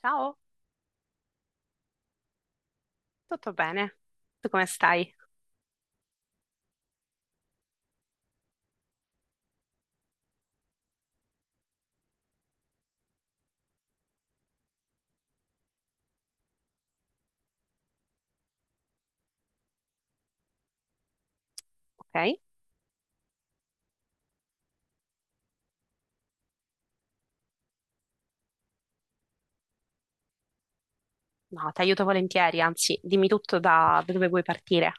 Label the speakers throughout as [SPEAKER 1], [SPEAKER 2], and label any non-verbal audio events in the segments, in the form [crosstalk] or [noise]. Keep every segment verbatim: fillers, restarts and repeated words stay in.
[SPEAKER 1] Ciao, tutto bene? Tu come stai? Ok? No, ti aiuto volentieri, anzi, dimmi tutto da da dove vuoi partire.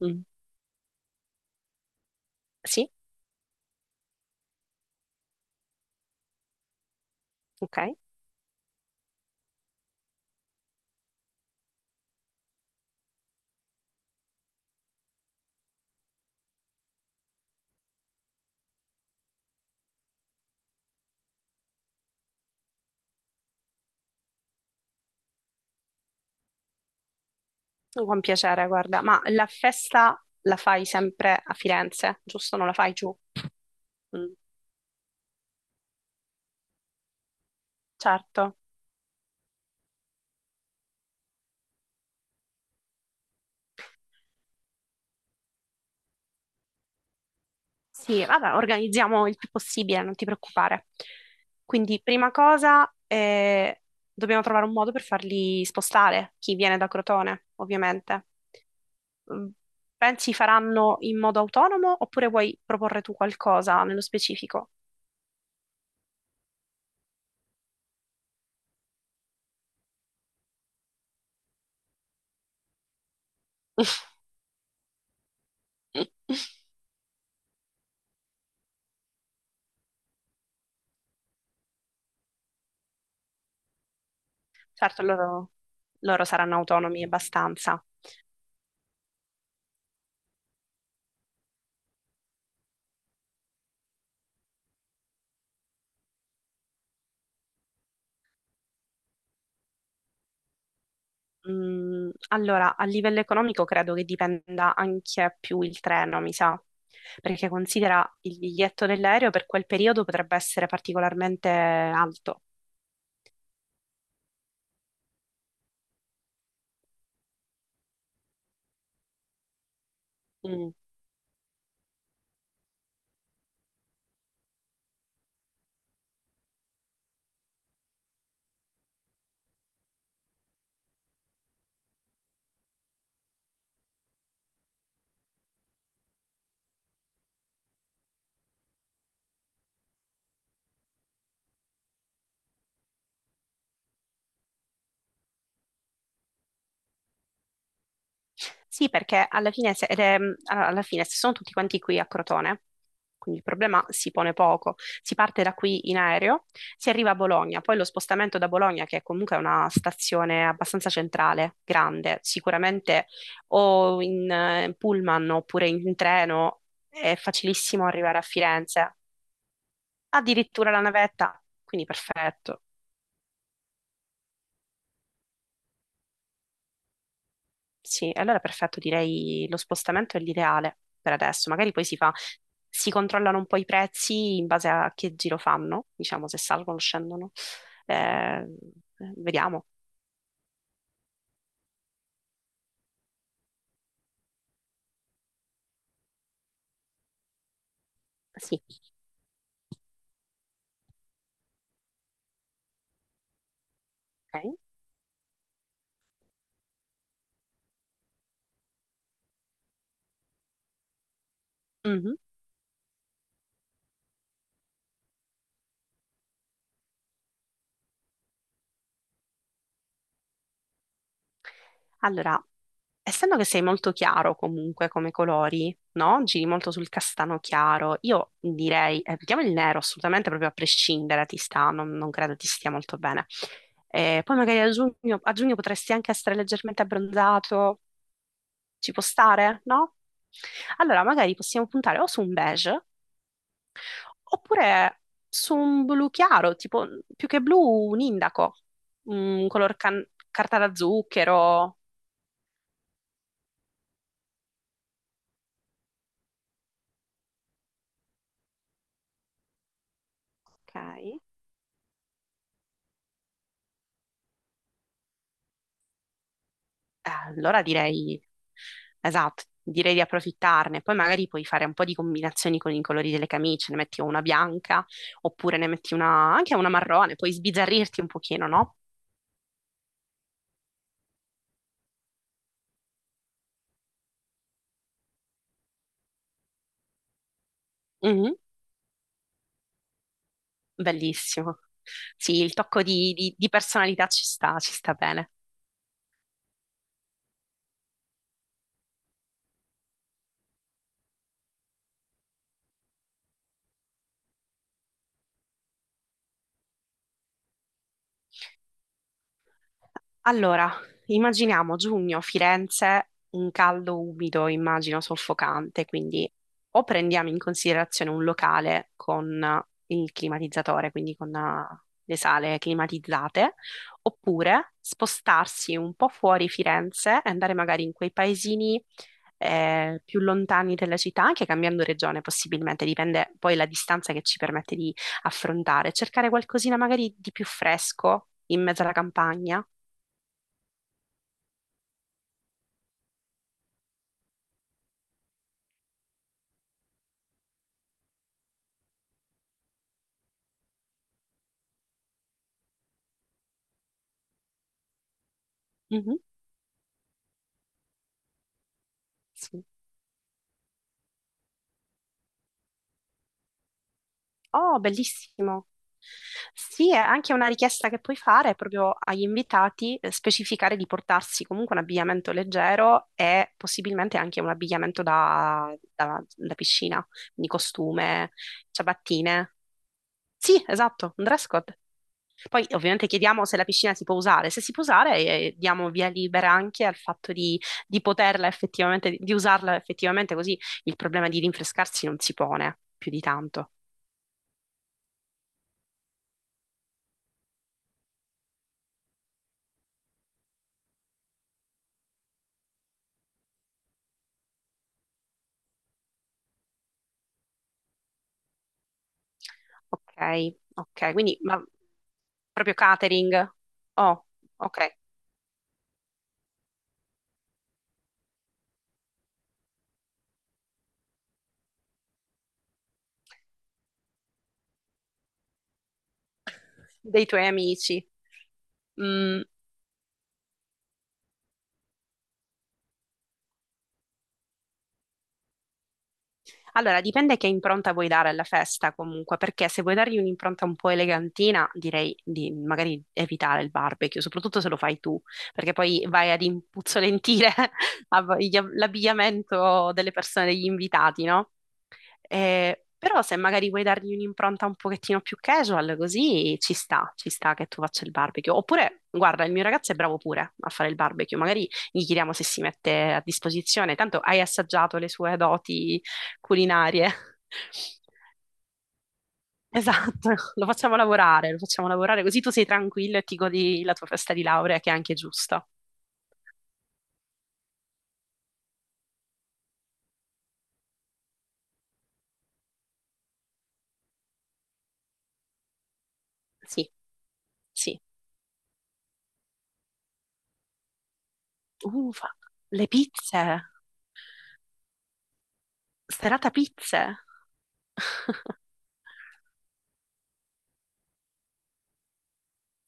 [SPEAKER 1] Mm. Sì? Ok, con piacere, guarda. Ma la festa la fai sempre a Firenze, giusto? Non la fai giù? Mm. Certo. Sì, vabbè, organizziamo il più possibile, non ti preoccupare. Quindi, prima cosa, eh, dobbiamo trovare un modo per farli spostare, chi viene da Crotone, ovviamente. Mm. Pensi faranno in modo autonomo oppure vuoi proporre tu qualcosa nello specifico? Certo, loro, loro saranno autonomi abbastanza. Mm, allora, a livello economico credo che dipenda anche più il treno, mi sa, perché considera il biglietto dell'aereo per quel periodo potrebbe essere particolarmente alto. Mm. Sì, perché alla fine, se, ed è- alla fine se sono tutti quanti qui a Crotone, quindi il problema si pone poco. Si parte da qui in aereo, si arriva a Bologna, poi lo spostamento da Bologna, che comunque è una stazione abbastanza centrale, grande, sicuramente o in eh, pullman oppure in treno è facilissimo arrivare a Firenze, addirittura la navetta, quindi perfetto. Sì, allora perfetto, direi lo spostamento è l'ideale per adesso. Magari poi si fa, si controllano un po' i prezzi in base a che giro fanno, diciamo se salgono o scendono. Eh, vediamo. Sì. Ok. Mhm. Allora, essendo che sei molto chiaro comunque come colori, no? Giri molto sul castano chiaro, io direi, eh, mettiamo il nero assolutamente proprio a prescindere, ti sta, non, non credo ti stia molto bene. Eh, poi magari a giugno, a giugno potresti anche essere leggermente abbronzato, ci può stare, no? Allora, magari possiamo puntare o su un beige oppure su un blu chiaro, tipo più che blu, un indaco, un color can- carta da zucchero. Ok. Eh, allora direi, esatto, direi di approfittarne. Poi magari puoi fare un po' di combinazioni con i colori delle camicie, ne metti una bianca, oppure ne metti una, anche una marrone, puoi sbizzarrirti un pochino, no? Mhm. Bellissimo. Sì, il tocco di, di di personalità ci sta, ci sta bene. Allora, immaginiamo giugno, Firenze, un caldo umido, immagino soffocante, quindi o prendiamo in considerazione un locale con eh, il climatizzatore, quindi con eh, le sale climatizzate, oppure spostarsi un po' fuori Firenze e andare magari in quei paesini eh, più lontani della città, anche cambiando regione possibilmente, dipende poi la distanza che ci permette di affrontare, cercare qualcosina magari di più fresco in mezzo alla campagna. Mhm, sì. Oh, bellissimo. Sì, è anche una richiesta che puoi fare proprio agli invitati, eh, specificare di portarsi comunque un abbigliamento leggero e possibilmente anche un abbigliamento da, da- da piscina, quindi costume, ciabattine. Sì, esatto, un dress code. Poi ovviamente chiediamo se la piscina si può usare. Se si può usare, eh, diamo via libera anche al fatto di, di poterla effettivamente, di usarla effettivamente, così il problema di rinfrescarsi non si pone più di tanto. Ok, ok, quindi ma proprio catering. Oh, ok, dei tuoi amici. Mm, allora, dipende che impronta vuoi dare alla festa comunque, perché se vuoi dargli un'impronta un po' elegantina, direi di magari evitare il barbecue, soprattutto se lo fai tu, perché poi vai ad impuzzolentire [laughs] av- gli av- l'abbigliamento delle persone, degli invitati, no? Eh, però se magari vuoi dargli un'impronta un pochettino più casual, così ci sta, ci sta che tu faccia il barbecue. Oppure, guarda, il mio ragazzo è bravo pure a fare il barbecue, magari gli chiediamo se si mette a disposizione, tanto hai assaggiato le sue doti culinarie. [laughs] Esatto, lo facciamo lavorare, lo facciamo lavorare così tu sei tranquillo e ti godi la tua festa di laurea, che è anche giusta. Sì, sì. Ufa, le pizze, serata pizze.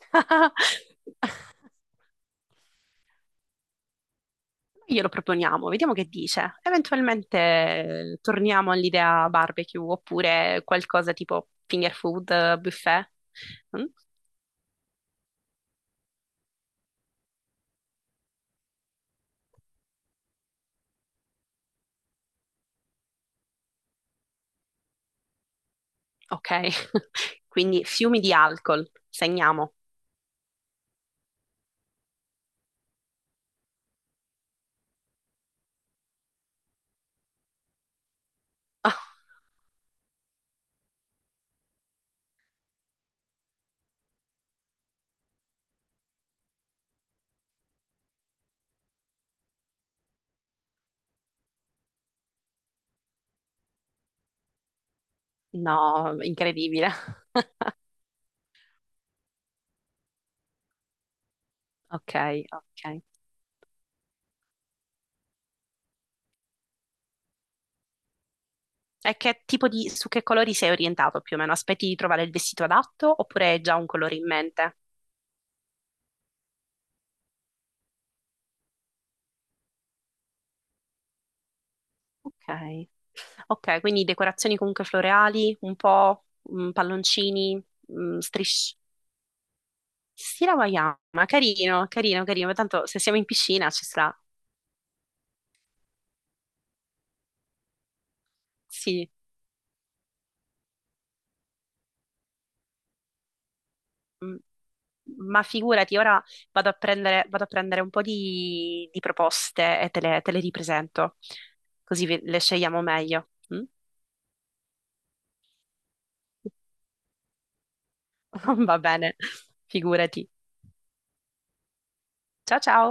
[SPEAKER 1] [laughs] Glielo proponiamo, vediamo che dice. Eventualmente eh, torniamo all'idea barbecue oppure qualcosa tipo finger food, eh, buffet. Mm? Ok, [laughs] quindi fiumi di alcol, segniamo. [laughs] Ah, no, incredibile. Ok, ok. E che tipo di, su che colori sei orientato più o meno? Aspetti di trovare il vestito adatto oppure hai già un colore in mente? Ok, ok, quindi decorazioni comunque floreali, un po' mm, palloncini, mm, strisce. Sì, la Wayama, carino, carino, carino. Ma tanto se siamo in piscina ci sarà. Sì. Mm. Ma figurati, ora vado a prendere, vado a prendere un po' di, di proposte e te le, te le ripresento, così ve- le scegliamo meglio. Mm? [laughs] Va bene, figurati. Ciao ciao!